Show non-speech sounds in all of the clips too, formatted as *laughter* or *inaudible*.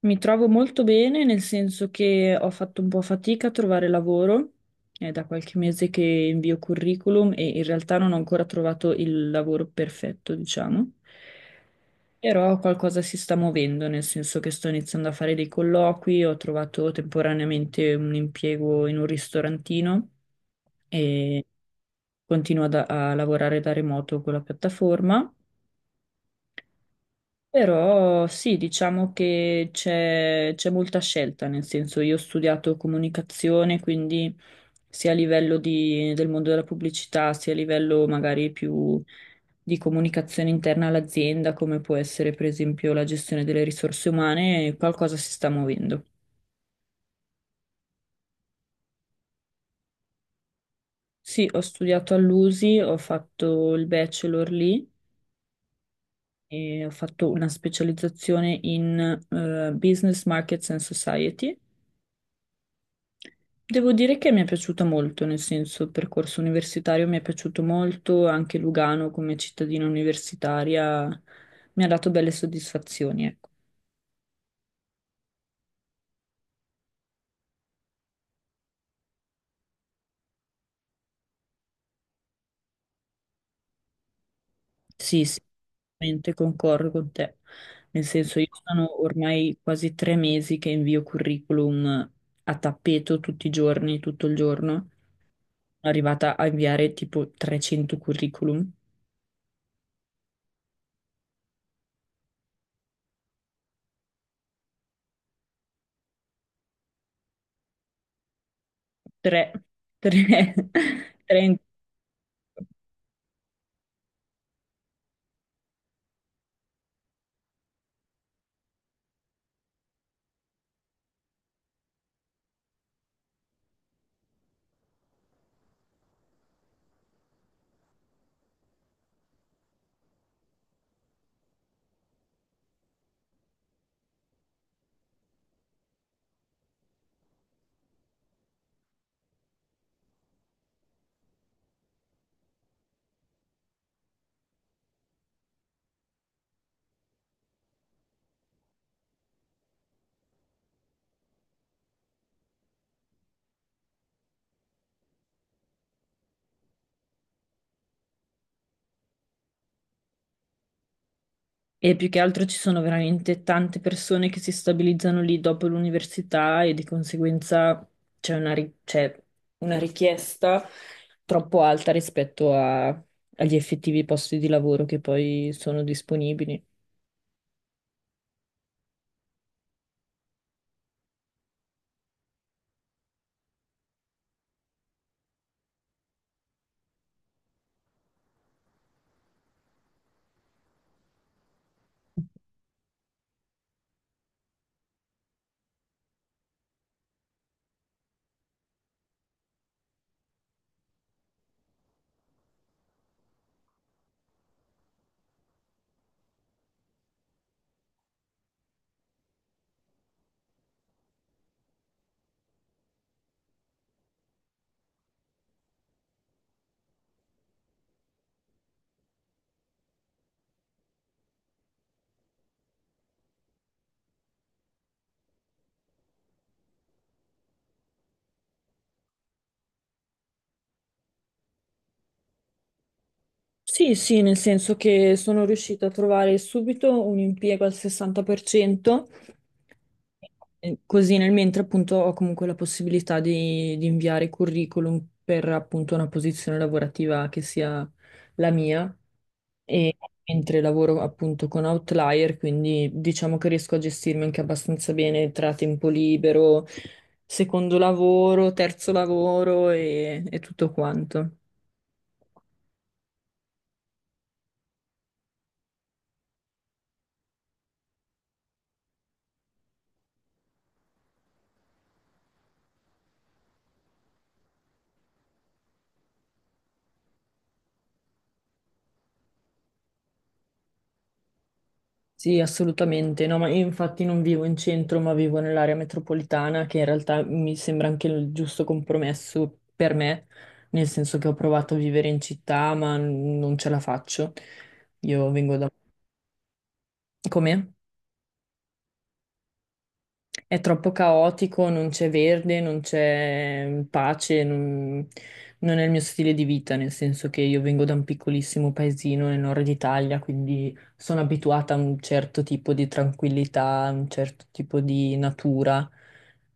Mi trovo molto bene, nel senso che ho fatto un po' fatica a trovare lavoro. È da qualche mese che invio curriculum e in realtà non ho ancora trovato il lavoro perfetto, diciamo. Però qualcosa si sta muovendo, nel senso che sto iniziando a fare dei colloqui, ho trovato temporaneamente un impiego in un ristorantino e continuo a lavorare da remoto con la piattaforma. Però sì, diciamo che c'è molta scelta, nel senso io ho studiato comunicazione, quindi sia a livello del mondo della pubblicità, sia a livello magari più di comunicazione interna all'azienda, come può essere per esempio la gestione delle risorse umane, qualcosa si sta muovendo. Sì, ho studiato all'USI, ho fatto il bachelor lì e ho fatto una specializzazione in Business Markets and Society. Devo dire che mi è piaciuta molto, nel senso il percorso universitario mi è piaciuto molto, anche Lugano come cittadina universitaria mi ha dato belle soddisfazioni, ecco. Sì, sì, veramente concordo con te. Nel senso io sono ormai quasi tre mesi che invio curriculum a tappeto tutti i giorni, tutto il giorno. Sono arrivata a inviare tipo 300 curriculum, tre, tre, *laughs* tre in E più che altro ci sono veramente tante persone che si stabilizzano lì dopo l'università e di conseguenza c'è una richiesta troppo alta rispetto agli effettivi posti di lavoro che poi sono disponibili. Sì, sì, nel senso che sono riuscita a trovare subito un impiego al 60%, così nel mentre appunto ho comunque la possibilità di inviare curriculum per appunto una posizione lavorativa che sia la mia e mentre lavoro appunto con Outlier, quindi diciamo che riesco a gestirmi anche abbastanza bene tra tempo libero, secondo lavoro, terzo lavoro e tutto quanto. Sì, assolutamente. No, ma io infatti non vivo in centro, ma vivo nell'area metropolitana, che in realtà mi sembra anche il giusto compromesso per me, nel senso che ho provato a vivere in città, ma non ce la faccio. Io vengo da... Com'è? È troppo caotico, non c'è verde, non c'è pace, non è il mio stile di vita, nel senso che io vengo da un piccolissimo paesino nel nord Italia, quindi sono abituata a un certo tipo di tranquillità, a un certo tipo di natura.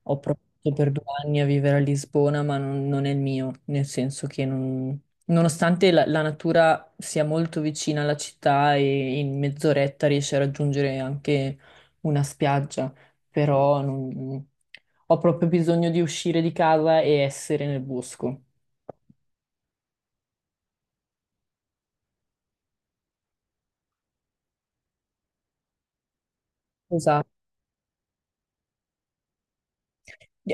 Ho provato per due anni a vivere a Lisbona, ma non è il mio, nel senso che nonostante la natura sia molto vicina alla città e in mezz'oretta riesci a raggiungere anche una spiaggia, però ho proprio bisogno di uscire di casa e essere nel bosco. Esatto.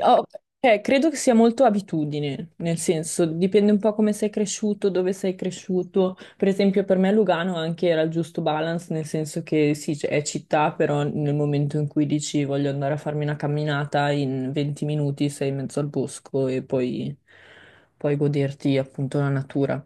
Oh, cioè, credo che sia molto abitudine, nel senso, dipende un po' come sei cresciuto, dove sei cresciuto. Per esempio, per me Lugano anche era il giusto balance, nel senso che sì, è città, però nel momento in cui dici voglio andare a farmi una camminata, in 20 minuti sei in mezzo al bosco e poi, poi goderti appunto la natura.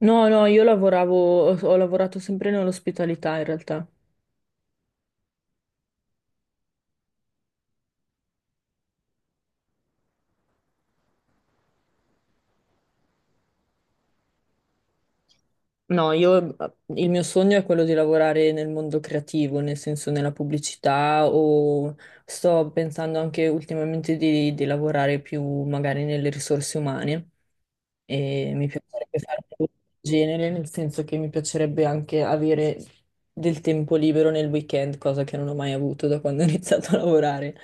No, no, io lavoravo, ho lavorato sempre nell'ospitalità in realtà. No, io, il mio sogno è quello di lavorare nel mondo creativo, nel senso nella pubblicità o sto pensando anche ultimamente di lavorare più magari nelle risorse umane e mi piacerebbe fare un po' del genere, nel senso che mi piacerebbe anche avere del tempo libero nel weekend, cosa che non ho mai avuto da quando ho iniziato a lavorare.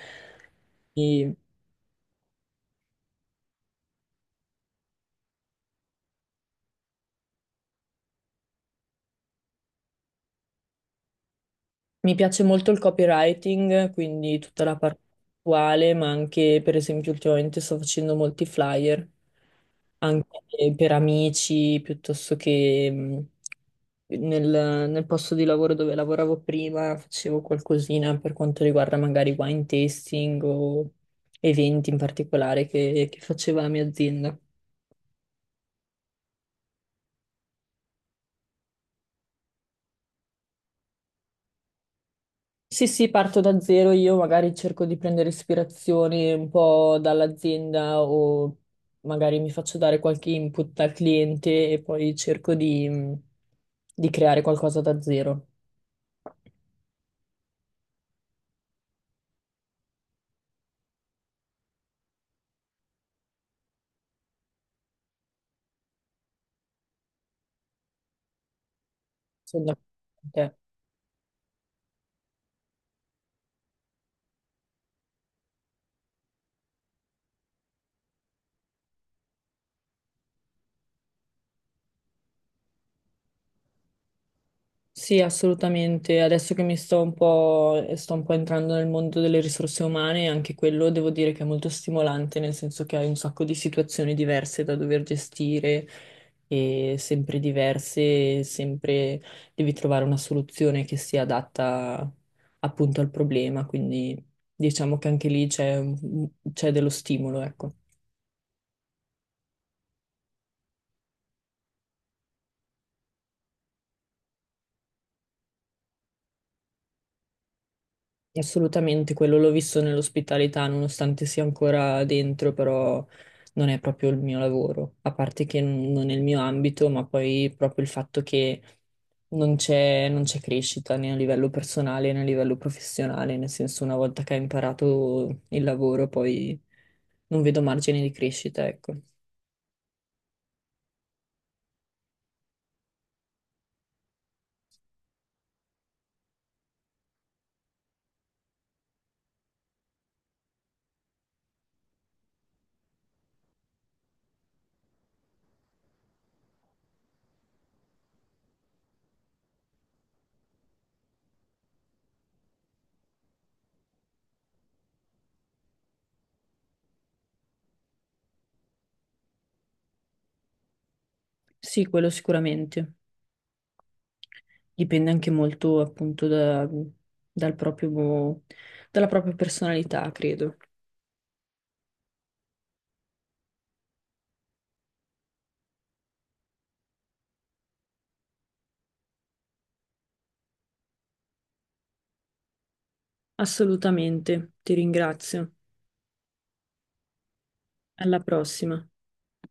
Mi piace molto il copywriting, quindi tutta la parte attuale, ma anche, per esempio, ultimamente sto facendo molti flyer, anche per amici, piuttosto che nel posto di lavoro dove lavoravo prima, facevo qualcosina per quanto riguarda magari wine tasting o eventi in particolare che faceva la mia azienda. Sì, sì, parto da zero, io magari cerco di prendere ispirazione un po' dall'azienda o magari mi faccio dare qualche input dal cliente e poi cerco di creare qualcosa da zero. Sono d'accordo con te. Sì, assolutamente. Adesso che mi sto un po', e sto un po' entrando nel mondo delle risorse umane, anche quello devo dire che è molto stimolante, nel senso che hai un sacco di situazioni diverse da dover gestire e sempre diverse, e sempre devi trovare una soluzione che sia adatta appunto al problema, quindi diciamo che anche lì c'è dello stimolo, ecco. Assolutamente, quello l'ho visto nell'ospitalità, nonostante sia ancora dentro, però non è proprio il mio lavoro, a parte che non è il mio ambito, ma poi proprio il fatto che non c'è crescita né a livello personale né a livello professionale, nel senso una volta che hai imparato il lavoro poi non vedo margine di crescita, ecco. Sì, quello sicuramente. Dipende anche molto appunto dal proprio, dalla propria personalità, credo. Assolutamente, ti ringrazio. Alla prossima.